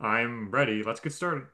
I'm ready. Let's get started.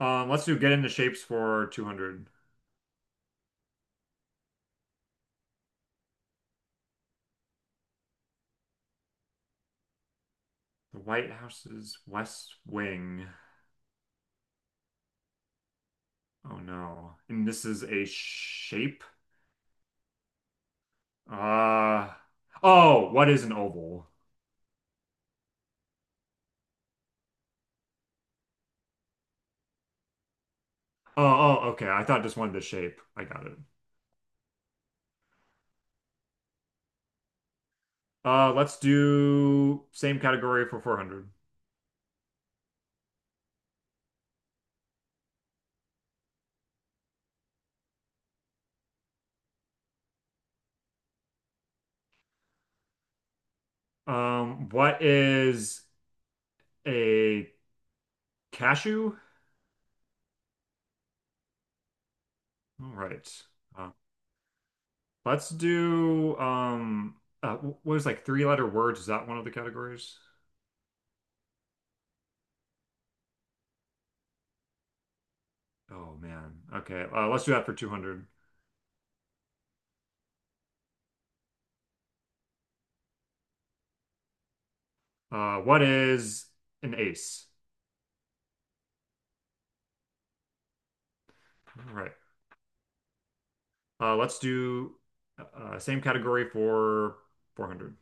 Let's do get into shapes for 200. The White House's West Wing. Oh no. And this is a shape? Uh, oh, what is an oval? Oh, oh, okay. I thought just wanted the shape. I got it. Let's do same category for 400. What is a cashew? All right. Uh, let's do uh, what is like three letter words? Is that one of the categories? Oh man. Okay. Let's do that for 200. What is an ace? All right. Let's do Same category for 400.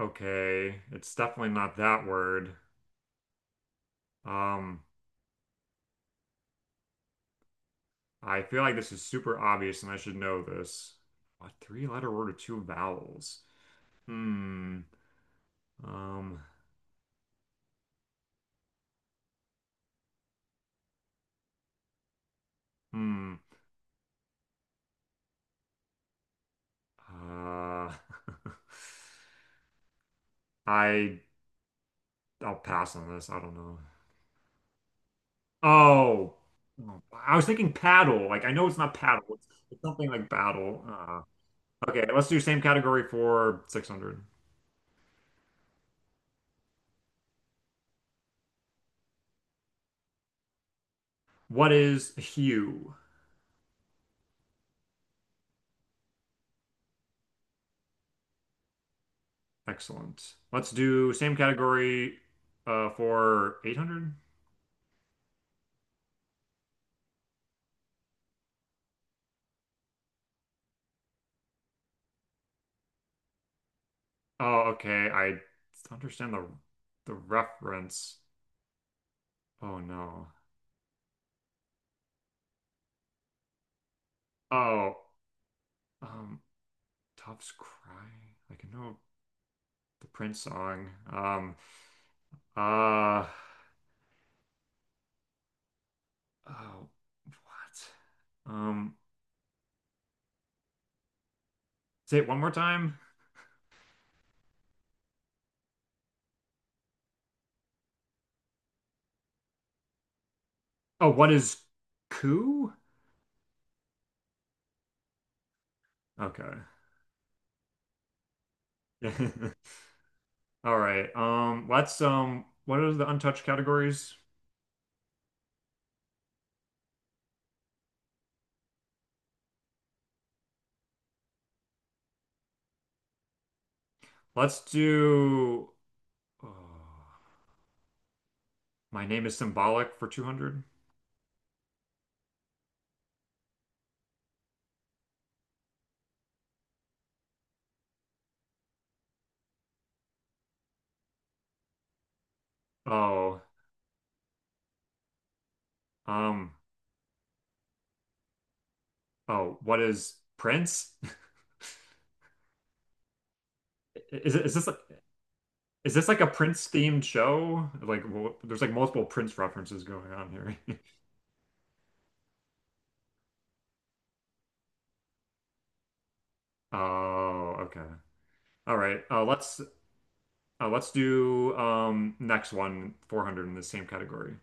Okay. It's definitely not that word. Um, I feel like this is super obvious and I should know this. A three letter word with two vowels. Hmm. Um, hmm. Uh, I I'll pass on this. I don't know. Oh, oh, I was thinking paddle. Like I know it's not paddle. It's something like battle. Okay, let's do same category for 600. What is hue? Excellent. Let's do same category for 800. Oh, okay. I understand the reference. Oh no. Oh, um, Doves Cry. I can know the Prince song. Uh, oh, what? Say it one more time. Oh, what is coup? Okay. All right. Let's what are the untouched categories? Let's do oh, my name is symbolic for 200. Oh, um oh, what is Prince? Is it? Is this like a Prince themed show? Like there's like multiple Prince references going on here. Oh, okay. All right. Let's do next one, 400 in the same category.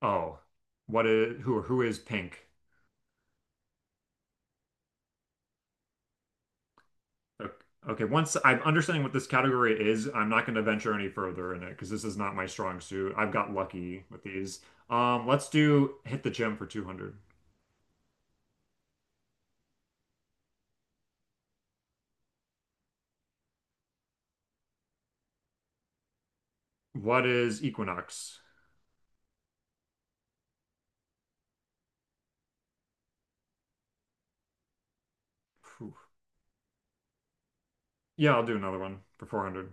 Oh, what is who is pink? Okay, okay, once I'm understanding what this category is, I'm not going to venture any further in it because this is not my strong suit. I've got lucky with these. Let's do hit the gym for 200. What is Equinox? Phew. Yeah, I'll do another one for 400.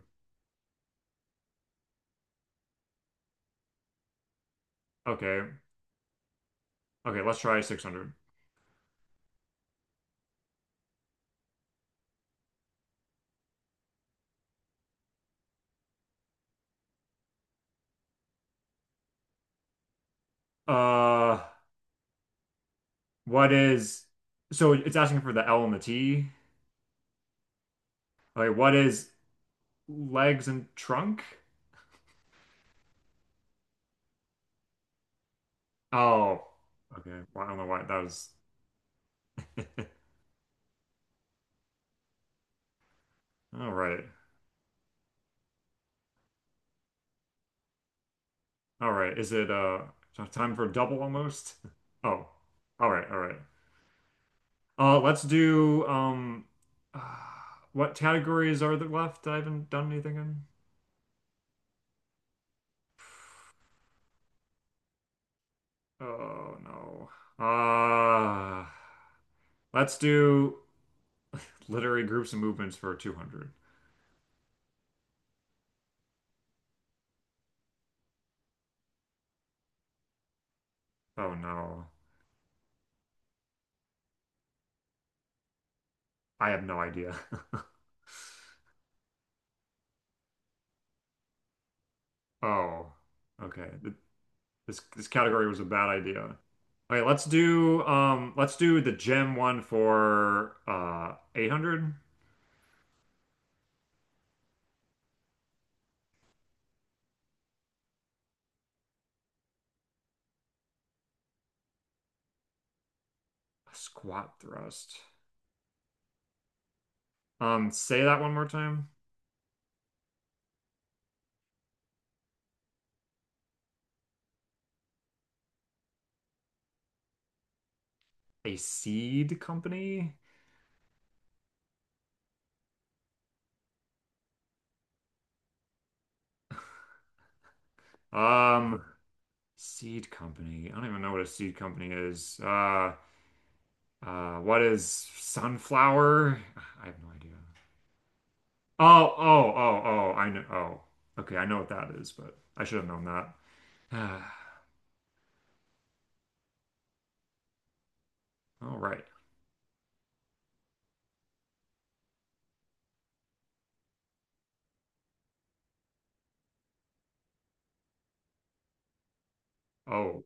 Okay. Okay, let's try 600. Uh, what is So it's asking for the L and the T. Okay, what is legs and trunk? Oh, okay. Well, I don't know why that was. All right. All right. Is it time for double almost? Oh. All right. All right. Let's do uh, what categories are there left? I haven't done anything in. Oh no. Let's do literary groups and movements for 200. Oh no. I have no idea. Oh. Okay. The This category was a bad idea. Okay, right, let's do the gem one for 800 squat thrust. Say that one more time. A seed company? Um Seed company. I don't even know what a seed company is. What is sunflower? I have no idea. Oh, oh, oh, oh, I know. Oh. Okay, I know what that is, but I should have known that. All right. Oh,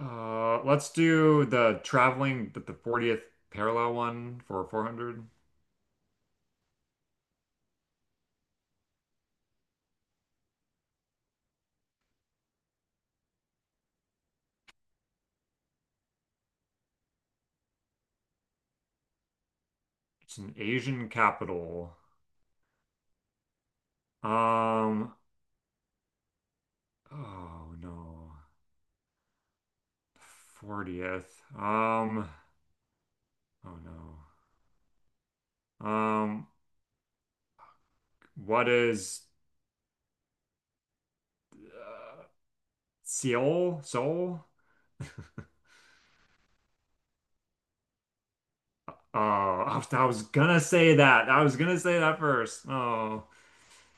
Let's do the traveling the 40th parallel one for 400. It's an Asian capital. Um, oh no. 40th. Um, oh no. Um, what is uh, Seoul? Seoul? Oh, I was gonna say that. I was gonna say that first. Oh.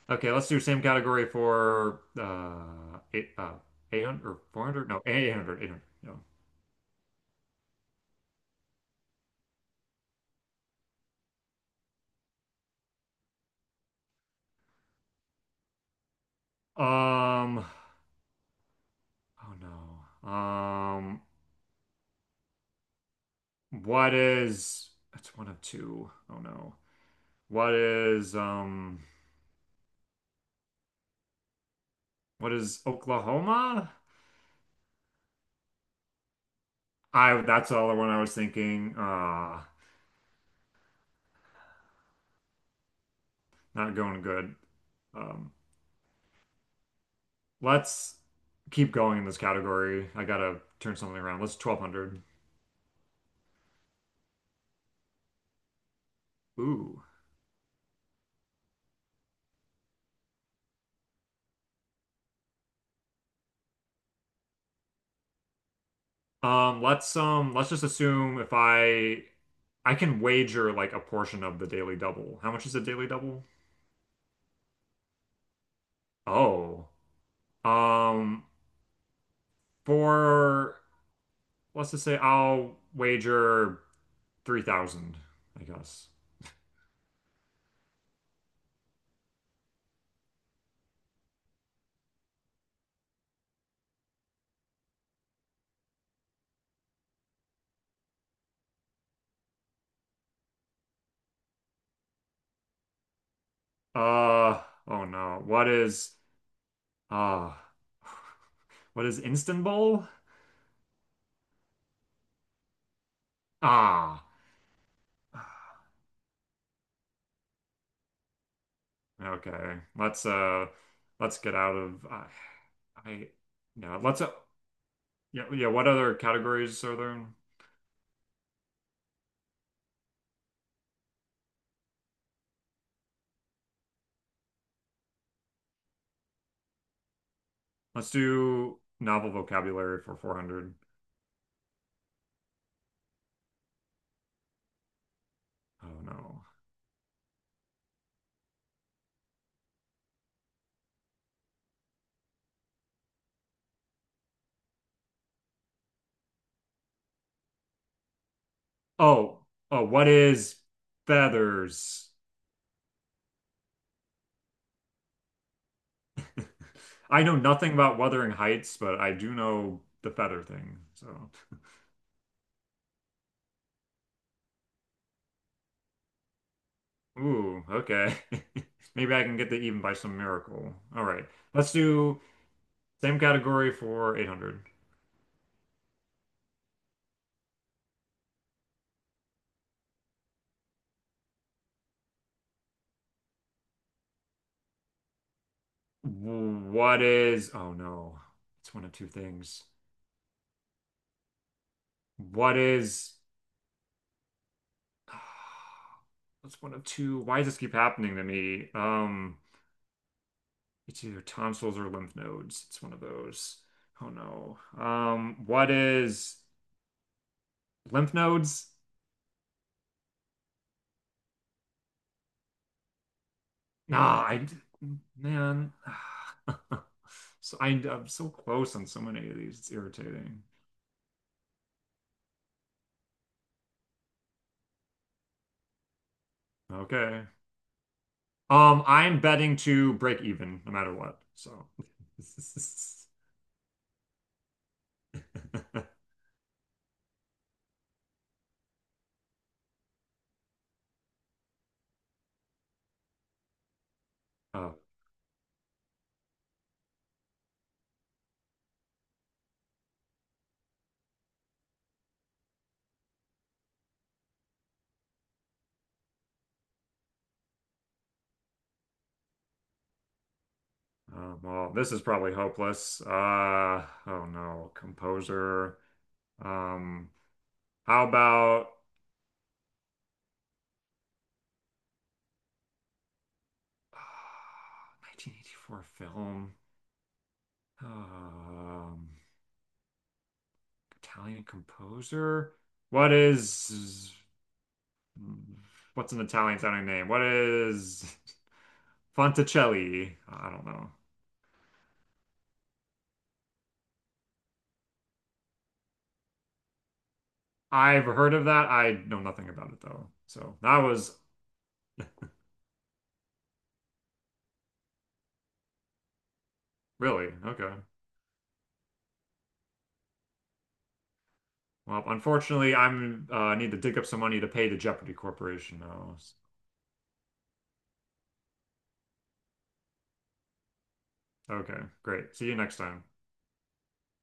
Okay, let's do same category for eight 800 or 400? No, 800. Um, oh no. What is, that's one of two. Oh no. What is, um, what is Oklahoma? That's the other one I was thinking. Not going good. Um, let's keep going in this category. I gotta turn something around. Let's 1200. Ooh. Let's just assume if I, I can wager like a portion of the daily double. How much is a daily double? Oh. Um, For let's just say I'll wager 3,000, I guess. Uh, oh no. What is uh what is Istanbul? Ah. Okay. Let's get out of I No, let's yeah, yeah, what other categories are there? Let's do novel vocabulary for 400. Oh no. Oh, oh, what is feathers? I know nothing about Wuthering Heights, but I do know the feather thing. So, ooh, okay. Maybe I can get that even by some miracle. All right. Let's do same category for 800. What is, oh no, it's one of two things. What is, That's one of two. Why does this keep happening to me? It's either tonsils or lymph nodes. It's one of those. Oh no. What is lymph nodes? Nah, man. So I'm so close on so many of these. It's irritating. Okay. I'm betting to break even no matter what. So. Oh, well, this is probably hopeless. Oh no, composer. Um, how about uh, 1984 film? Um, Italian composer. What is? Mm. What's an Italian sounding name? What is Fonticelli? I don't know. I've heard of that. I know nothing about it though. So that was really okay. Well, unfortunately, I'm need to dig up some money to pay the Jeopardy Corporation now. Okay, great. See you next time.